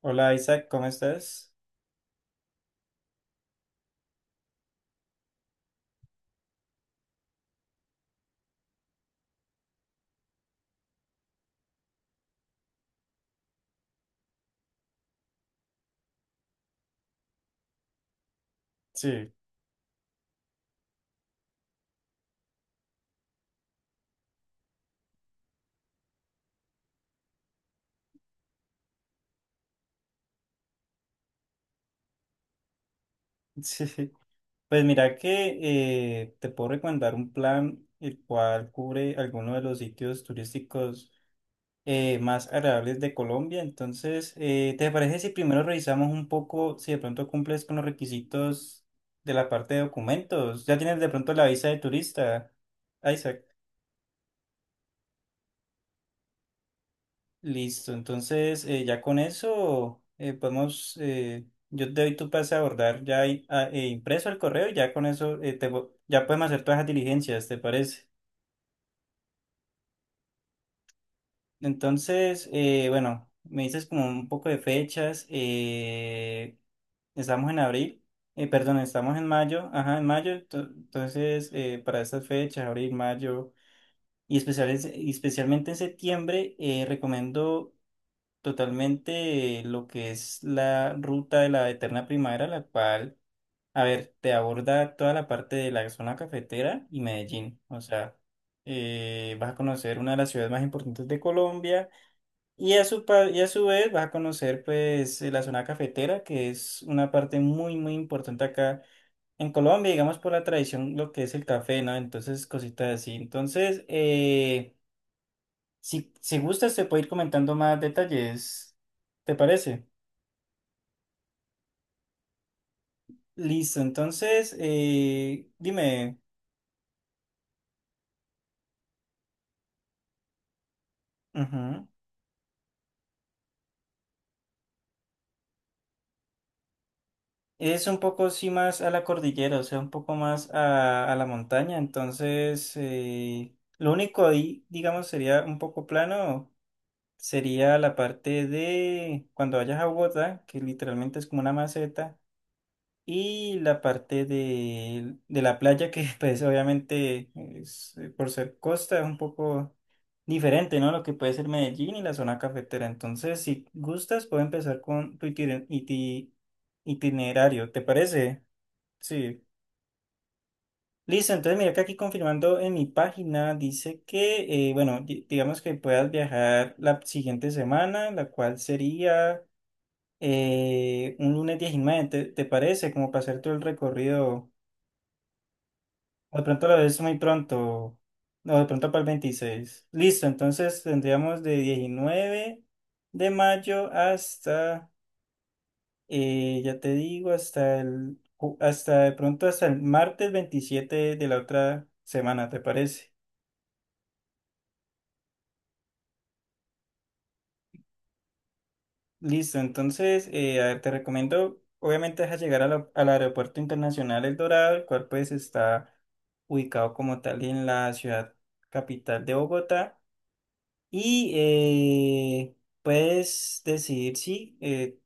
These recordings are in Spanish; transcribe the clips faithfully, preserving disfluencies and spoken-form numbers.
Hola, Isaac, ¿cómo estás? Sí, sí. Pues mira que eh, te puedo recomendar un plan el cual cubre algunos de los sitios turísticos eh, más agradables de Colombia. Entonces, eh, ¿te parece si primero revisamos un poco si de pronto cumples con los requisitos de la parte de documentos? ¿Ya tienes de pronto la visa de turista, ah, Isaac? Listo, entonces eh, ya con eso eh, podemos, eh, yo te doy tu pase a abordar ya ahí, a- eh, impreso el correo y ya con eso eh, te vo- ya podemos hacer todas las diligencias, ¿te parece? Entonces, eh, bueno, me dices como un poco de fechas, eh, estamos en abril, eh, perdón, estamos en mayo, ajá, en mayo, ento- entonces eh, para estas fechas, abril, mayo y, especiales- y especialmente en septiembre, eh, recomiendo totalmente lo que es la ruta de la eterna primavera, la cual, a ver, te aborda toda la parte de la zona cafetera y Medellín. O sea, eh, vas a conocer una de las ciudades más importantes de Colombia y a su, pa- y a su vez vas a conocer pues eh, la zona cafetera, que es una parte muy, muy importante acá. En Colombia, digamos, por la tradición, lo que es el café, ¿no? Entonces, cositas así. Entonces, eh, si, si gustas, te puedo ir comentando más detalles. ¿Te parece? Listo, entonces, eh, dime, ujú. Es un poco sí más a la cordillera, o sea, un poco más a, a la montaña, entonces, eh, lo único ahí, digamos, sería un poco plano, sería la parte de cuando vayas a Bogotá, que literalmente es como una maceta. Y la parte de, de la playa, que pues obviamente es, eh, por ser costa es un poco diferente, ¿no? Lo que puede ser Medellín y la zona cafetera. Entonces, si gustas, puedo empezar con tu itine- iti- itinerario, ¿te parece? Sí. Listo, entonces mira que aquí confirmando en mi página dice que, eh, bueno, di- digamos que puedas viajar la siguiente semana, la cual sería eh, un lunes diecinueve, ¿te, te parece? Como para hacer todo el recorrido. De pronto lo ves muy pronto. No, de pronto para el veintiséis. Listo, entonces tendríamos de diecinueve de mayo hasta, eh, ya te digo, hasta el, ju- hasta de pronto hasta el martes veintisiete de la otra semana, ¿te parece? Listo, entonces, eh, a ver, te recomiendo, obviamente, deja llegar a la- al Aeropuerto Internacional El Dorado, el cual pues está ubicado como tal en la ciudad capital de Bogotá. Y eh, puedes decidir si eh,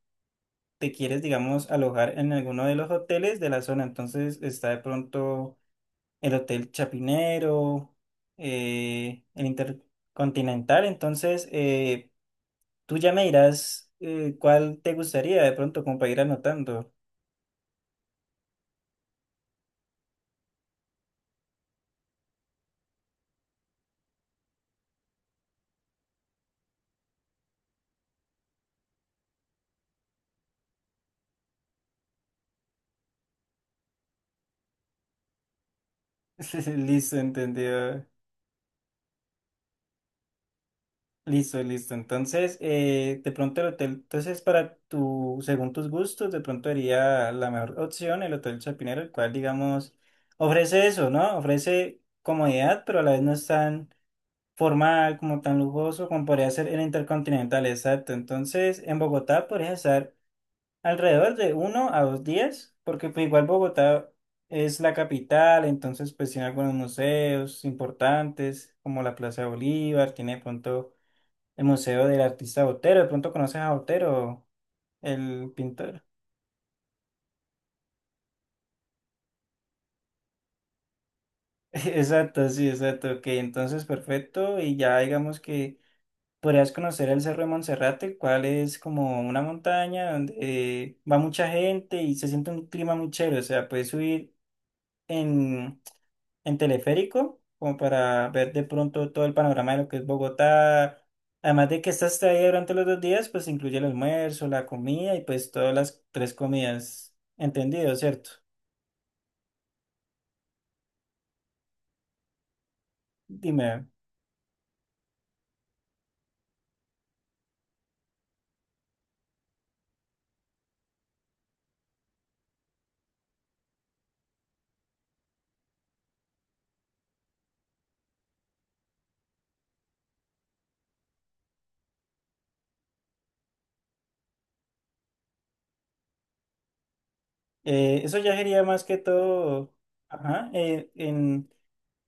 te quieres, digamos, alojar en alguno de los hoteles de la zona. Entonces está de pronto el Hotel Chapinero, eh, el Intercontinental. Entonces eh, tú ya me dirás eh, cuál te gustaría de pronto como para ir anotando. Listo, entendido. Listo, listo. Entonces, eh, de pronto el hotel, entonces para tu, según tus gustos, de pronto sería la mejor opción el Hotel Chapinero, el cual, digamos, ofrece eso, ¿no? Ofrece comodidad, pero a la vez no es tan formal, como tan lujoso, como podría ser el Intercontinental, exacto. Entonces, en Bogotá podrías estar alrededor de uno a dos días, porque pues igual Bogotá es la capital, entonces pues tiene algunos museos importantes, como la Plaza de Bolívar, tiene de pronto el Museo del Artista Botero. De pronto conoces a Botero, el pintor. Exacto, sí, exacto. Ok, entonces perfecto. Y ya digamos que podrías conocer el Cerro de Monserrate, el cual es como una montaña donde eh, va mucha gente y se siente un clima muy chévere. O sea, puedes subir en, en teleférico como para ver de pronto todo el panorama de lo que es Bogotá. Además de que estás ahí durante los dos días, pues incluye el almuerzo, la comida y pues todas las tres comidas. Entendido, ¿cierto? Dime, eh, eso ya sería más que todo, ajá, eh, en-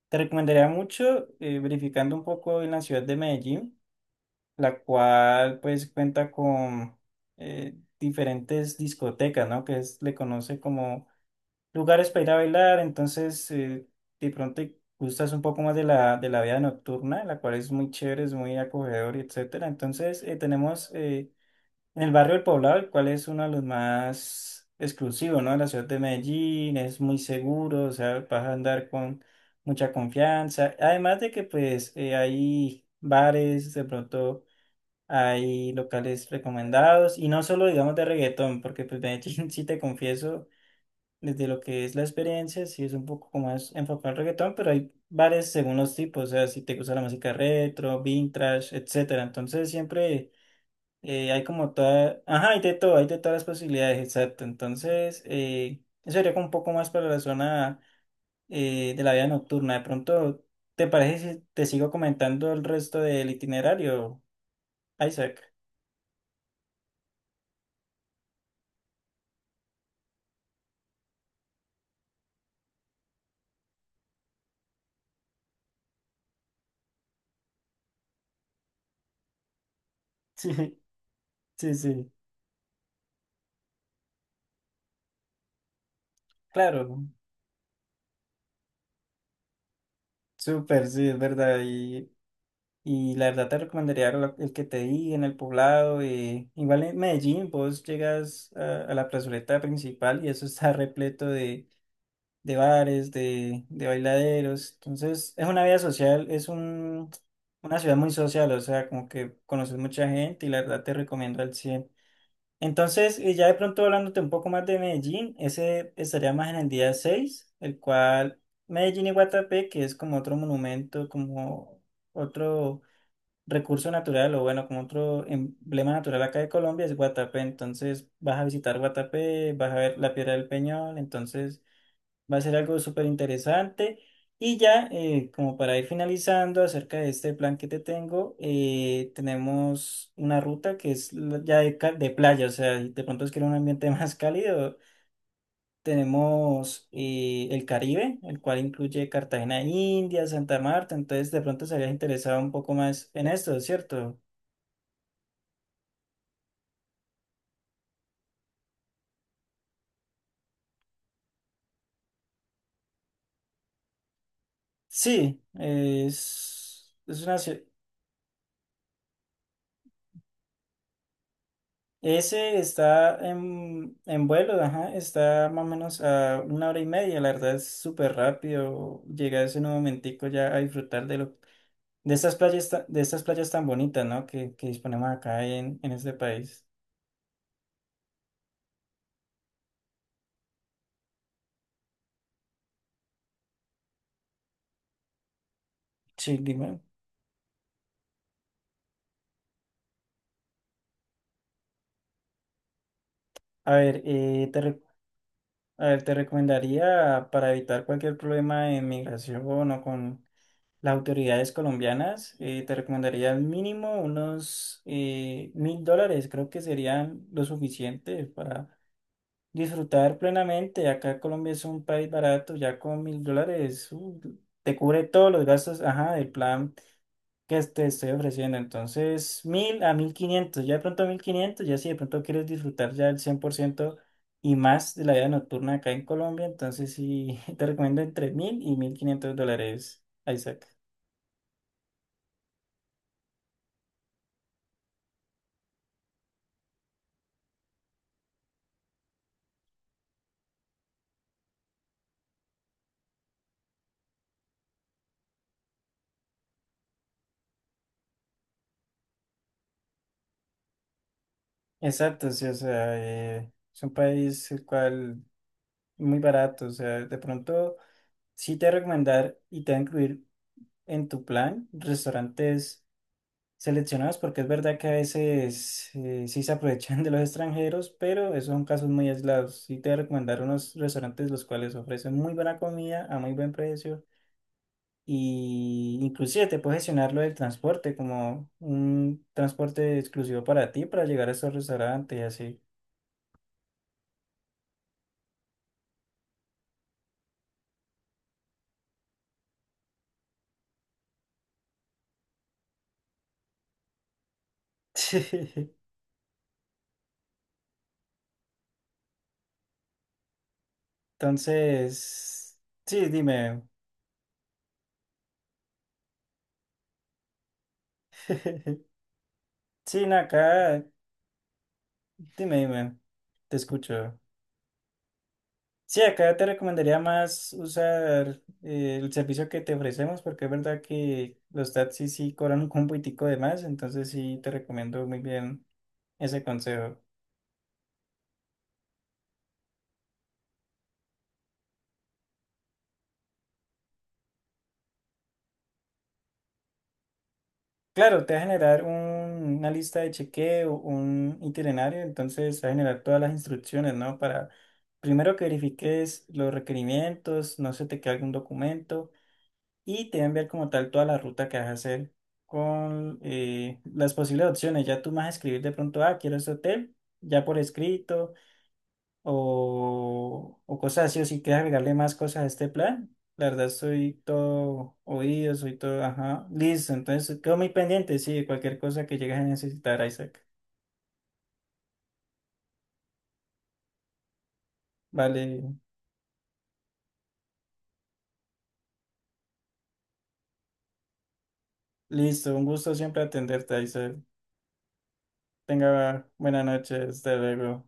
te recomendaría mucho eh, verificando un poco en la ciudad de Medellín, la cual pues cuenta con eh, diferentes discotecas, ¿no? Que es- le conoce como lugares para ir a bailar, entonces eh, de pronto te gustas un poco más de la, de la vida nocturna, la cual es muy chévere, es muy acogedor, y etcétera. Entonces eh, tenemos... eh, el barrio del Poblado, el cual es uno de los más exclusivos, ¿no? De la ciudad de Medellín, es muy seguro, o sea, vas a andar con mucha confianza. Además de que, pues, eh, hay bares, de pronto hay locales recomendados, y no solo, digamos, de reggaetón, porque, pues, Medellín, sí te confieso, desde lo que es la experiencia, sí es un poco como más enfocado al reggaetón, pero hay bares según los tipos, o sea, si te gusta la música retro, vintage, etcétera. Entonces, siempre. Eh, hay como toda, ajá, hay de todo, hay de todas las posibilidades, exacto. Entonces, eh, eso sería como un poco más para la zona eh, de la vida nocturna. De pronto, ¿te parece si te sigo comentando el resto del itinerario, Isaac? Sí, sí, sí, claro, súper, sí, es verdad. Y, y la verdad te recomendaría lo- el que te di en el poblado. Eh, igual en Medellín, vos llegas a, a la plazoleta principal y eso está repleto de bares, de, de bailaderos. Entonces, es una vida social, es un, una ciudad muy social, o sea, como que conoces mucha gente y la verdad te recomiendo al cien. Entonces, y ya de pronto hablándote un poco más de Medellín, ese estaría más en el día seis, el cual Medellín y Guatapé, que es como otro monumento, como otro recurso natural o bueno, como otro emblema natural acá de Colombia es Guatapé, entonces vas a visitar Guatapé, vas a ver la Piedra del Peñol. Entonces va a ser algo súper interesante. Y ya, eh, como para ir finalizando acerca de este plan que te tengo, eh, tenemos una ruta que es la- ya de, ca- de playa, o sea, y de pronto es que era un ambiente más cálido. Tenemos eh, el Caribe, el cual incluye Cartagena, India, Santa Marta, entonces de pronto estarías interesado un poco más en esto, ¿cierto? Sí, es, es una ciudad. Ese está en, en vuelo, ajá, está más o menos a una hora y media, la verdad es súper rápido llegar ese nuevo momentico ya a disfrutar de lo, de estas playas, ta- de estas playas tan bonitas, ¿no? Que, que disponemos acá en, en este país. Sí, dime. A ver, eh, te, re- a ver, te recomendaría para evitar cualquier problema de migración o con las autoridades colombianas, eh, te recomendaría al mínimo unos eh, mil dólares, creo que serían lo suficiente para disfrutar plenamente. Acá Colombia es un país barato, ya con mil dólares uh, te cubre todos los gastos, ajá, del plan que te estoy ofreciendo. Entonces, mil a mil quinientos, ya de pronto mil quinientos, ya si de pronto quieres disfrutar ya el cien por ciento y más de la vida nocturna acá en Colombia, entonces sí, te recomiendo entre mil y mil quinientos dólares, Isaac. Exacto, sí, o sea, eh, es un país el cual muy barato, o sea, de pronto sí te voy a recomendar y te va a incluir en tu plan restaurantes seleccionados, porque es verdad que a veces eh, sí se aprovechan de los extranjeros, pero esos son casos muy aislados. Sí te voy a recomendar unos restaurantes los cuales ofrecen muy buena comida a muy buen precio, y inclusive te puedes gestionar lo del transporte como un transporte exclusivo para ti para llegar a esos restaurantes y así. Entonces, sí, dime. Sí, no, acá, dime, dime, te escucho. Sí, acá te recomendaría más usar eh, el servicio que te ofrecemos porque es verdad que los taxis sí cobran un compitico de más, entonces sí te recomiendo muy bien ese consejo. Claro, te va a generar un- una lista de chequeo, un itinerario, entonces te va a generar todas las instrucciones, ¿no? Para primero que verifiques los requerimientos, no se te quede algún documento, y te va a enviar como tal toda la ruta que vas a hacer con eh, las posibles opciones. Ya tú vas a escribir de pronto, ah, quiero este hotel, ya por escrito, o, o cosas así, o si quieres agregarle más cosas a este plan. La verdad, soy todo oído, soy todo, ajá, listo. Entonces, quedo muy pendiente, sí, de cualquier cosa que llegues a necesitar, Isaac. Vale, listo, un gusto siempre atenderte, Isaac. Tenga buenas noches, hasta luego.